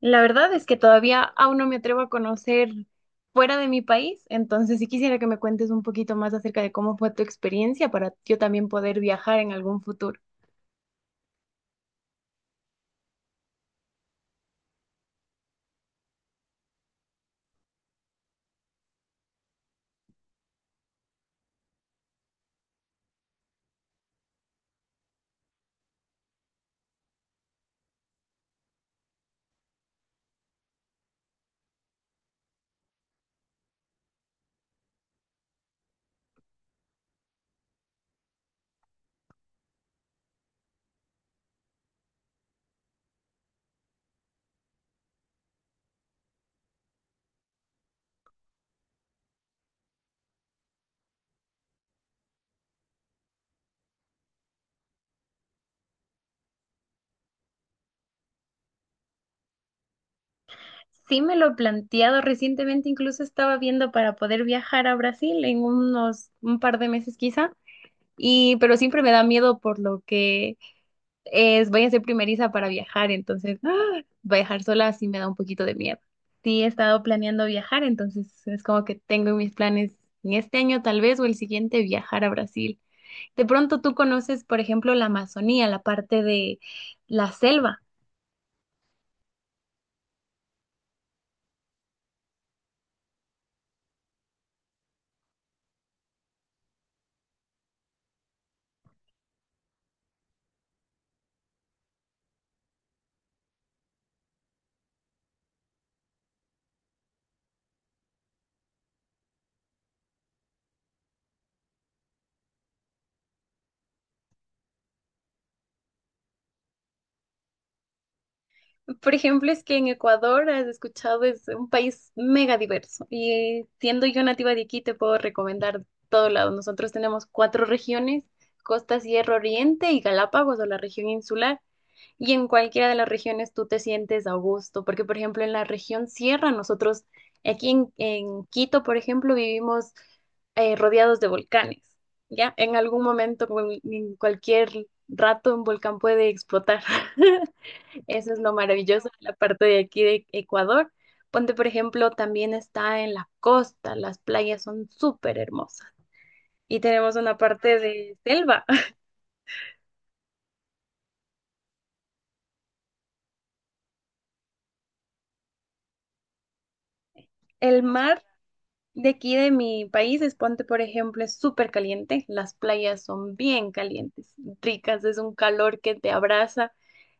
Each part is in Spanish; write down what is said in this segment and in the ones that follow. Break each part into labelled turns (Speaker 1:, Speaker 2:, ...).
Speaker 1: La verdad es que todavía aún no me atrevo a conocer fuera de mi país, entonces sí quisiera que me cuentes un poquito más acerca de cómo fue tu experiencia para yo también poder viajar en algún futuro. Sí me lo he planteado recientemente, incluso estaba viendo para poder viajar a Brasil en unos un par de meses quizá, y pero siempre me da miedo por lo que es, voy a ser primeriza para viajar, entonces ¡ah! Viajar sola sí me da un poquito de miedo. Sí, he estado planeando viajar, entonces es como que tengo en mis planes en este año tal vez o el siguiente viajar a Brasil. De pronto tú conoces, por ejemplo, la Amazonía, la parte de la selva. Por ejemplo, es que en Ecuador, has escuchado, es un país mega diverso. Y siendo yo nativa de aquí, te puedo recomendar todo lado. Nosotros tenemos cuatro regiones: Costa, Sierra, Oriente y Galápagos, o la región insular. Y en cualquiera de las regiones tú te sientes a gusto, porque por ejemplo en la región Sierra, nosotros aquí en Quito, por ejemplo, vivimos rodeados de volcanes. ¿Ya? En algún momento, en cualquier rato, un volcán puede explotar. Eso es lo maravilloso de la parte de aquí de Ecuador. Ponte, por ejemplo, también está en la costa, las playas son súper hermosas y tenemos una parte de selva. El mar de aquí de mi país, es, ponte, por ejemplo, es súper caliente. Las playas son bien calientes, ricas, es un calor que te abraza,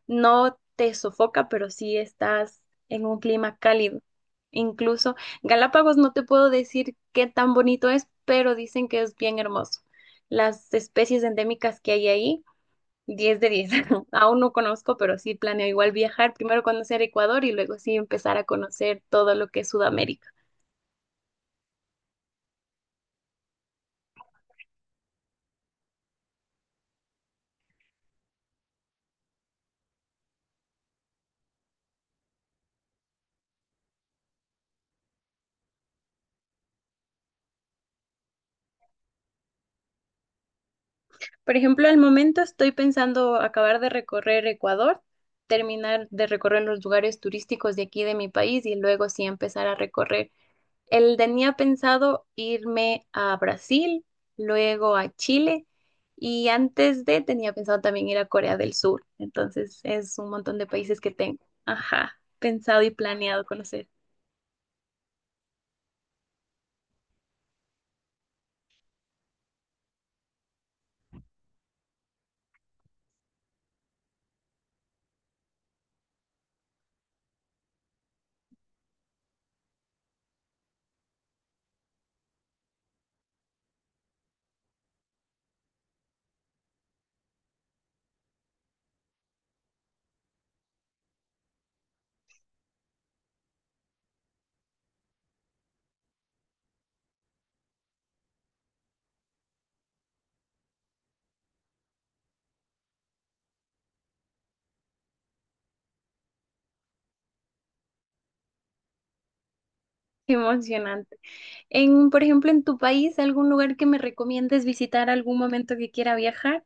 Speaker 1: no te sofoca, pero sí estás en un clima cálido. Incluso Galápagos no te puedo decir qué tan bonito es, pero dicen que es bien hermoso. Las especies endémicas que hay ahí, 10/10. Aún no conozco, pero sí planeo igual viajar, primero conocer Ecuador y luego sí empezar a conocer todo lo que es Sudamérica. Por ejemplo, al momento estoy pensando acabar de recorrer Ecuador, terminar de recorrer los lugares turísticos de aquí de mi país y luego sí empezar a recorrer. El tenía pensado irme a Brasil, luego a Chile y antes de tenía pensado también ir a Corea del Sur. Entonces es un montón de países que tengo, ajá, pensado y planeado conocer. Qué emocionante. En, por ejemplo, en tu país, ¿algún lugar que me recomiendes visitar algún momento que quiera viajar?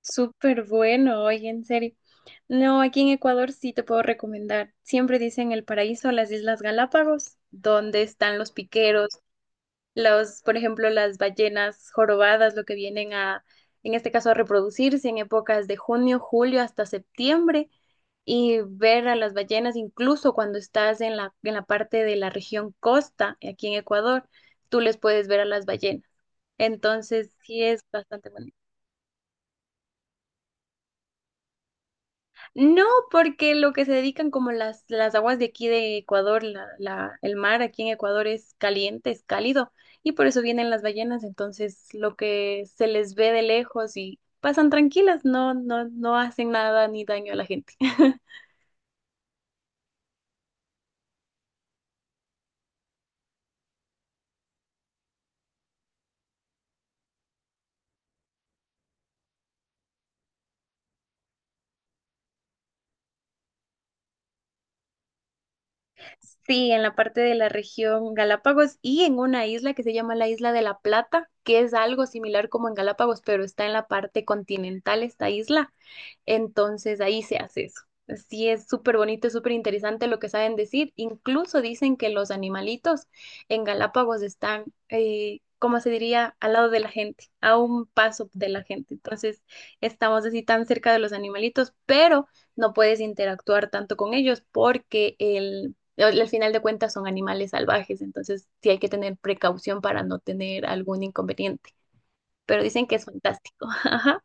Speaker 1: Súper bueno, oye, en serio. No, aquí en Ecuador sí te puedo recomendar. Siempre dicen el paraíso, las Islas Galápagos, donde están los piqueros, los, por ejemplo, las ballenas jorobadas, lo que vienen a, en este caso, a reproducirse en épocas de junio, julio hasta septiembre y ver a las ballenas. Incluso cuando estás en la parte de la región costa, aquí en Ecuador, tú les puedes ver a las ballenas. Entonces, sí es bastante bonito. No, porque lo que se dedican como las aguas de aquí de Ecuador, el mar aquí en Ecuador es caliente, es cálido, y por eso vienen las ballenas, entonces lo que se les ve de lejos y pasan tranquilas, no, no, no hacen nada ni daño a la gente. Sí, en la parte de la región Galápagos y en una isla que se llama la Isla de la Plata, que es algo similar como en Galápagos, pero está en la parte continental esta isla. Entonces ahí se hace eso. Sí, es súper bonito, es súper interesante lo que saben decir. Incluso dicen que los animalitos en Galápagos están, como se diría, al lado de la gente, a un paso de la gente. Entonces estamos así tan cerca de los animalitos, pero no puedes interactuar tanto con ellos porque el al final de cuentas son animales salvajes, entonces sí hay que tener precaución para no tener algún inconveniente, pero dicen que es fantástico. Ajá.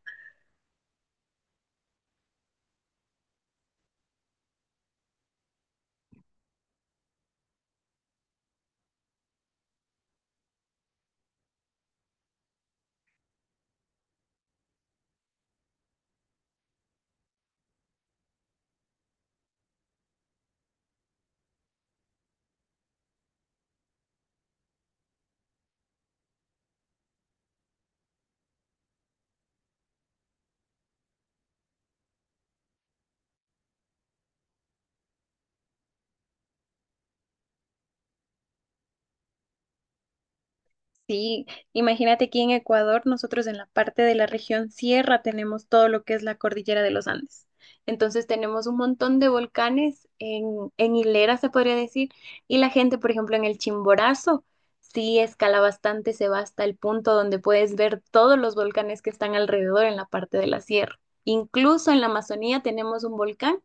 Speaker 1: Sí, imagínate aquí en Ecuador, nosotros en la parte de la región sierra tenemos todo lo que es la cordillera de los Andes. Entonces tenemos un montón de volcanes en hilera, se podría decir, y la gente, por ejemplo, en el Chimborazo, sí escala bastante, se va hasta el punto donde puedes ver todos los volcanes que están alrededor en la parte de la sierra. Incluso en la Amazonía tenemos un volcán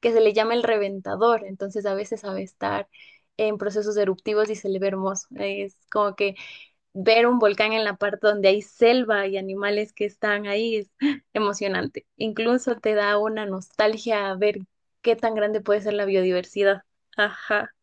Speaker 1: que se le llama el Reventador, entonces a veces sabe estar en procesos eruptivos y se le ve hermoso. Es como que ver un volcán en la parte donde hay selva y animales que están ahí es emocionante. Incluso te da una nostalgia a ver qué tan grande puede ser la biodiversidad. Ajá.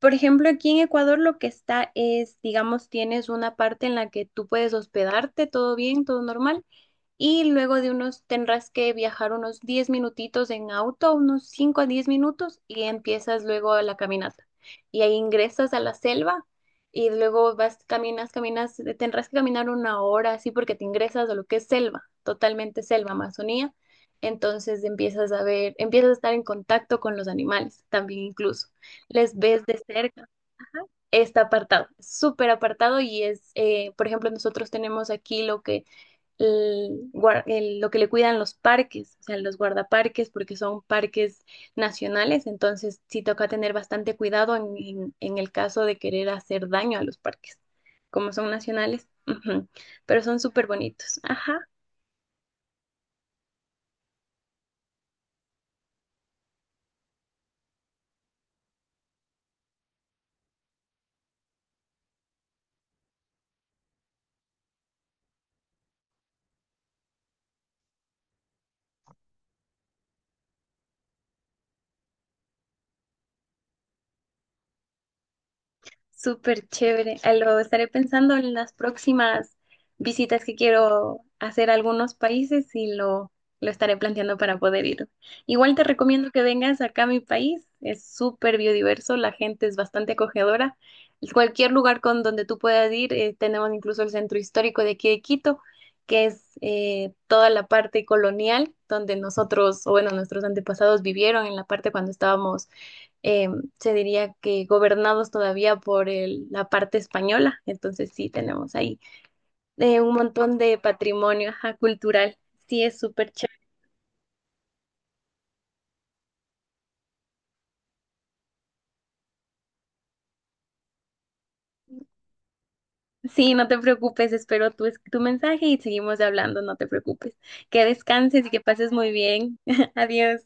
Speaker 1: Por ejemplo, aquí en Ecuador lo que está es, digamos, tienes una parte en la que tú puedes hospedarte, todo bien, todo normal, y luego de unos tendrás que viajar unos 10 minutitos en auto, unos 5 a 10 minutos y empiezas luego la caminata. Y ahí ingresas a la selva y luego vas, caminas, caminas, tendrás que caminar una hora así porque te ingresas a lo que es selva, totalmente selva, Amazonía. Entonces empiezas a ver, empiezas a estar en contacto con los animales también incluso. Les ves de cerca. Está apartado, súper apartado y es, por ejemplo, nosotros tenemos aquí lo que lo que le cuidan los parques, o sea, los guardaparques, porque son parques nacionales, entonces sí toca tener bastante cuidado en, en el caso de querer hacer daño a los parques, como son nacionales, ujú, pero son súper bonitos. Ajá. Súper chévere. Ah, lo estaré pensando en las próximas visitas que quiero hacer a algunos países y lo estaré planteando para poder ir. Igual te recomiendo que vengas acá a mi país. Es súper biodiverso, la gente es bastante acogedora. Cualquier lugar con donde tú puedas ir, tenemos incluso el centro histórico de aquí de Quito, que es toda la parte colonial donde nosotros, o bueno, nuestros antepasados vivieron en la parte cuando estábamos, eh, se diría, que gobernados todavía por la parte española. Entonces sí, tenemos ahí, un montón de patrimonio, ajá, cultural. Sí, es súper chévere. Sí, no te preocupes, espero tu mensaje y seguimos hablando, no te preocupes. Que descanses y que pases muy bien. Adiós.